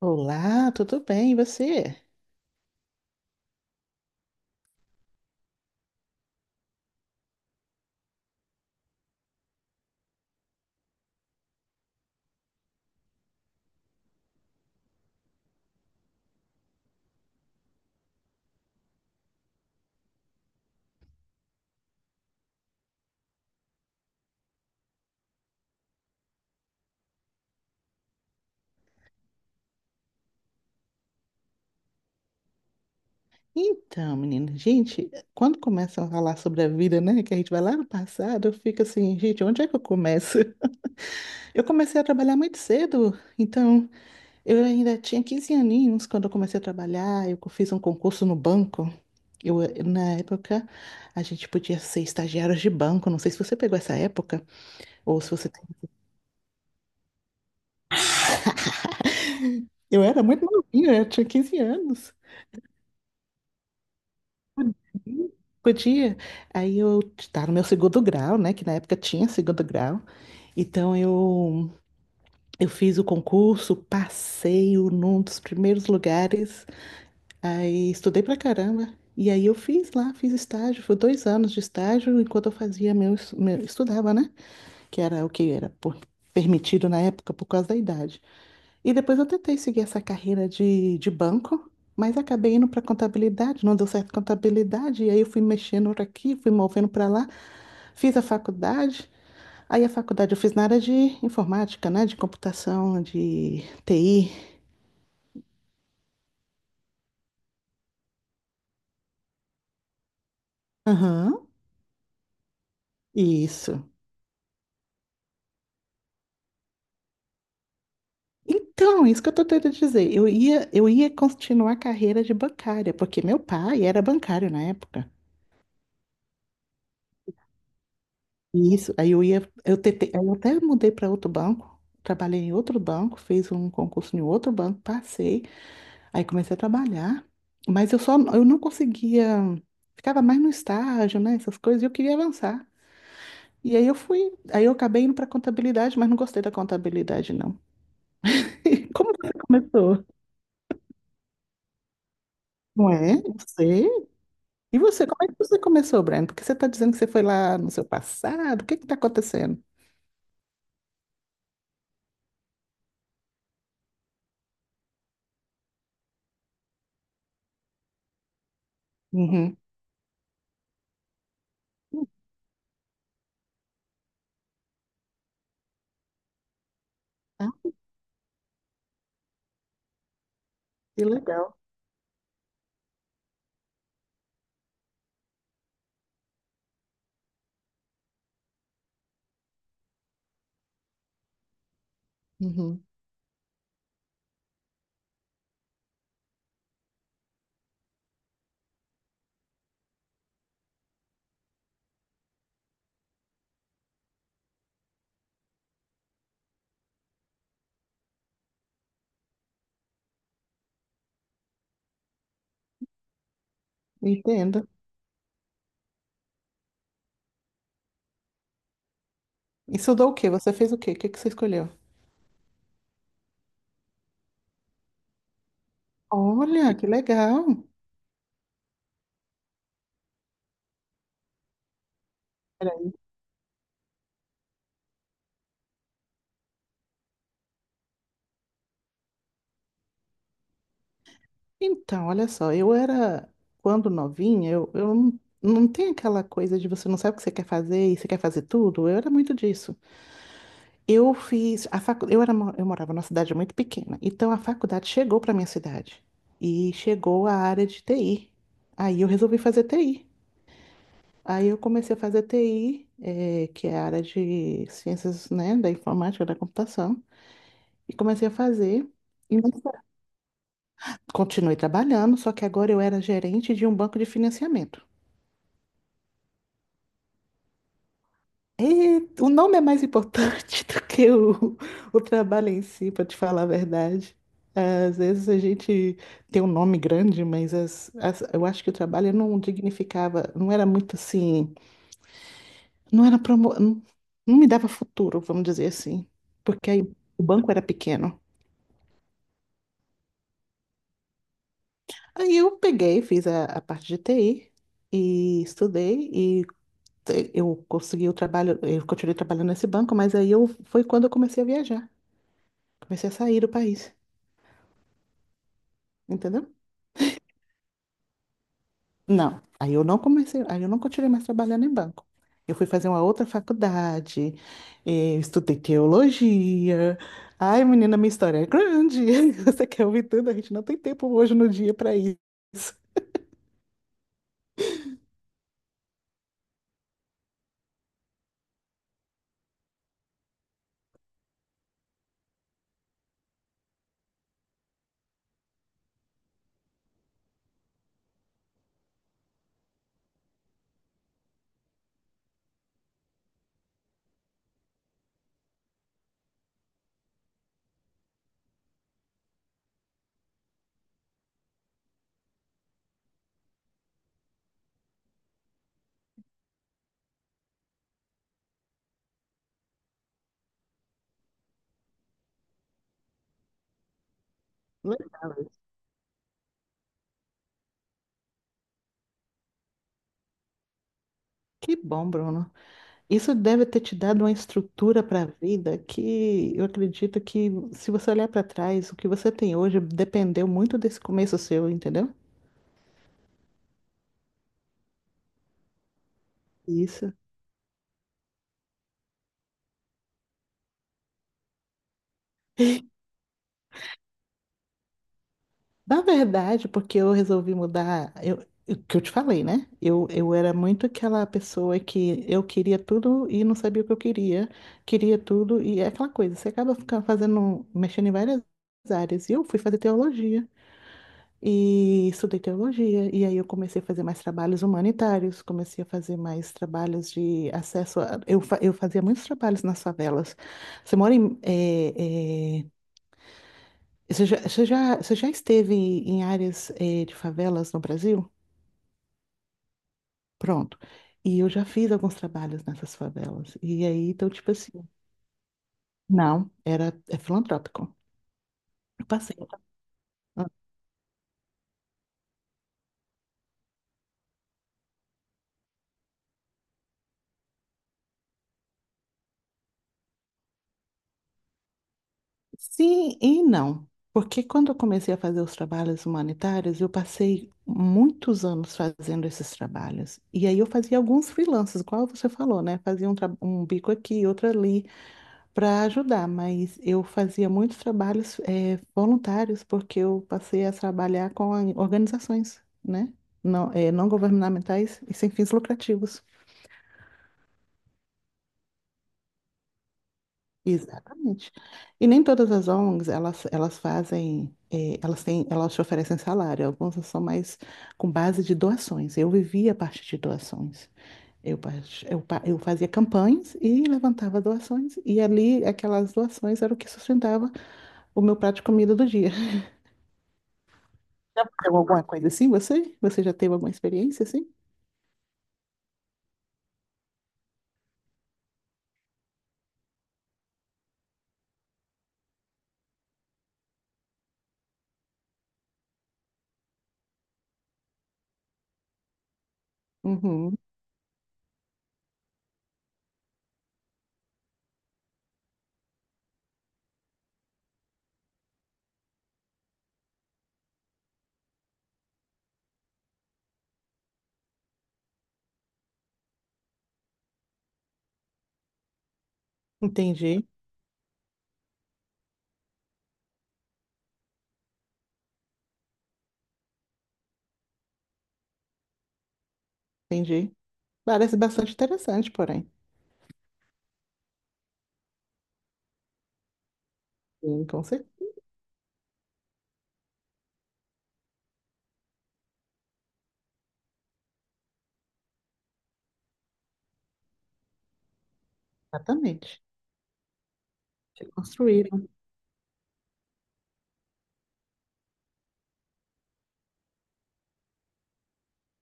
Olá, tudo bem? E você? Então, menina, gente, quando começam a falar sobre a vida, né, que a gente vai lá no passado, eu fico assim, gente, onde é que eu começo? Eu comecei a trabalhar muito cedo, então eu ainda tinha 15 aninhos quando eu comecei a trabalhar, eu fiz um concurso no banco. Na época, a gente podia ser estagiários de banco, não sei se você pegou essa época, ou se você... Eu era muito novinha, eu tinha 15 anos. Hum, Podia. Aí eu estava no meu segundo grau, né? Que na época tinha segundo grau. Então, eu fiz o concurso, num dos primeiros lugares. Aí estudei pra caramba. E aí eu fiz lá, fiz estágio. Foi 2 anos de estágio enquanto eu fazia meu estudava, né? Que era o que era por- Permitido na época por causa da idade. E depois eu tentei seguir essa carreira de banco, mas acabei indo para contabilidade, não deu certo contabilidade, e aí eu fui mexendo para aqui, fui movendo para lá, fiz a faculdade. Aí a faculdade eu fiz na área de informática, né? De computação, de TI. Aham, isso. Então, isso que eu tô tentando dizer. Eu ia continuar a carreira de bancária, porque meu pai era bancário na época. E isso, eu tentei, aí eu até mudei para outro banco, trabalhei em outro banco, fiz um concurso em outro banco, passei, aí comecei a trabalhar, mas eu não conseguia, ficava mais no estágio, né, essas coisas, e eu queria avançar. Aí eu acabei indo para contabilidade, mas não gostei da contabilidade, não. E como você começou? Não é? Eu sei. E você, como é que você começou, Brian? Porque você está dizendo que você foi lá no seu passado, o que que está acontecendo? Uhum. Ah, que legal. Uhum. Entendo. Isso dá o quê? Você fez o quê? O que que você escolheu? Olha, que legal. Peraí. Então, olha só, quando novinha, eu não tem aquela coisa de você não sabe o que você quer fazer e você quer fazer tudo. Eu era muito disso. Eu fiz a facu... eu morava numa cidade muito pequena, então a faculdade chegou para minha cidade e chegou a área de TI. Aí eu resolvi fazer TI. Aí eu comecei a fazer TI, que é a área de ciências, né, da informática, da computação. E comecei a fazer. E nessa- continuei trabalhando, só que agora eu era gerente de um banco de financiamento. E o nome é mais importante do que o trabalho em si, para te falar a verdade. Às vezes a gente tem um nome grande, mas eu acho que o trabalho não dignificava, não era muito assim, não era promo, não, não me dava futuro, vamos dizer assim, porque aí o banco era pequeno. Aí eu peguei, fiz a parte de TI e estudei, eu consegui o trabalho, eu continuei trabalhando nesse banco, mas aí eu foi quando eu comecei a viajar, comecei a sair do país, entendeu? Não, aí eu não continuei mais trabalhando em banco. Eu fui fazer uma outra faculdade, estudei teologia. Ai, menina, minha história é grande. Você quer ouvir tudo? A gente não tem tempo hoje no dia para isso. Legal. Que bom, Bruno. Isso deve ter te dado uma estrutura para a vida que eu acredito que, se você olhar para trás, o que você tem hoje dependeu muito desse começo seu, entendeu? Isso. Na verdade, porque eu resolvi mudar, eu, o que eu te falei, né? Eu era muito aquela pessoa que eu queria tudo e não sabia o que eu queria, queria tudo, e é aquela coisa, você acaba ficando fazendo, mexendo em várias áreas. E eu fui fazer teologia. E estudei teologia, e aí eu comecei a fazer mais trabalhos humanitários, comecei a fazer mais trabalhos de acesso a... eu fazia muitos trabalhos nas favelas. Você mora em... você já, você já esteve em áreas, de favelas no Brasil? Pronto. E eu já fiz alguns trabalhos nessas favelas. E aí, então, tipo assim... Não, é filantrópico. Eu passei. Sim e não. Porque quando eu comecei a fazer os trabalhos humanitários, eu passei muitos anos fazendo esses trabalhos. E aí eu fazia alguns freelances, igual você falou, né? Fazia um bico aqui, outro ali, para ajudar. Mas eu fazia muitos trabalhos voluntários, porque eu passei a trabalhar com organizações, né? Não, não governamentais e sem fins lucrativos. Exatamente. E nem todas as ONGs, elas fazem, elas te oferecem salário. Algumas são mais com base de doações. Eu vivia a partir de doações. Eu, part- eu, pa- eu fazia campanhas e levantava doações. E ali, aquelas doações eram o que sustentava o meu prato de comida do dia. Já aconteceu alguma coisa assim, você? Você já teve alguma experiência assim? Uhum, entendi. Entendi. Parece bastante interessante, porém. Sim, com certeza. Exatamente. Se construíram.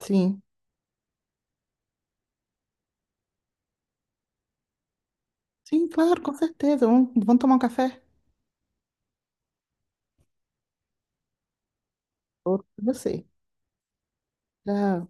Sim. Sim, claro, com certeza. Vamos tomar um café? Outro pra você. Tchau.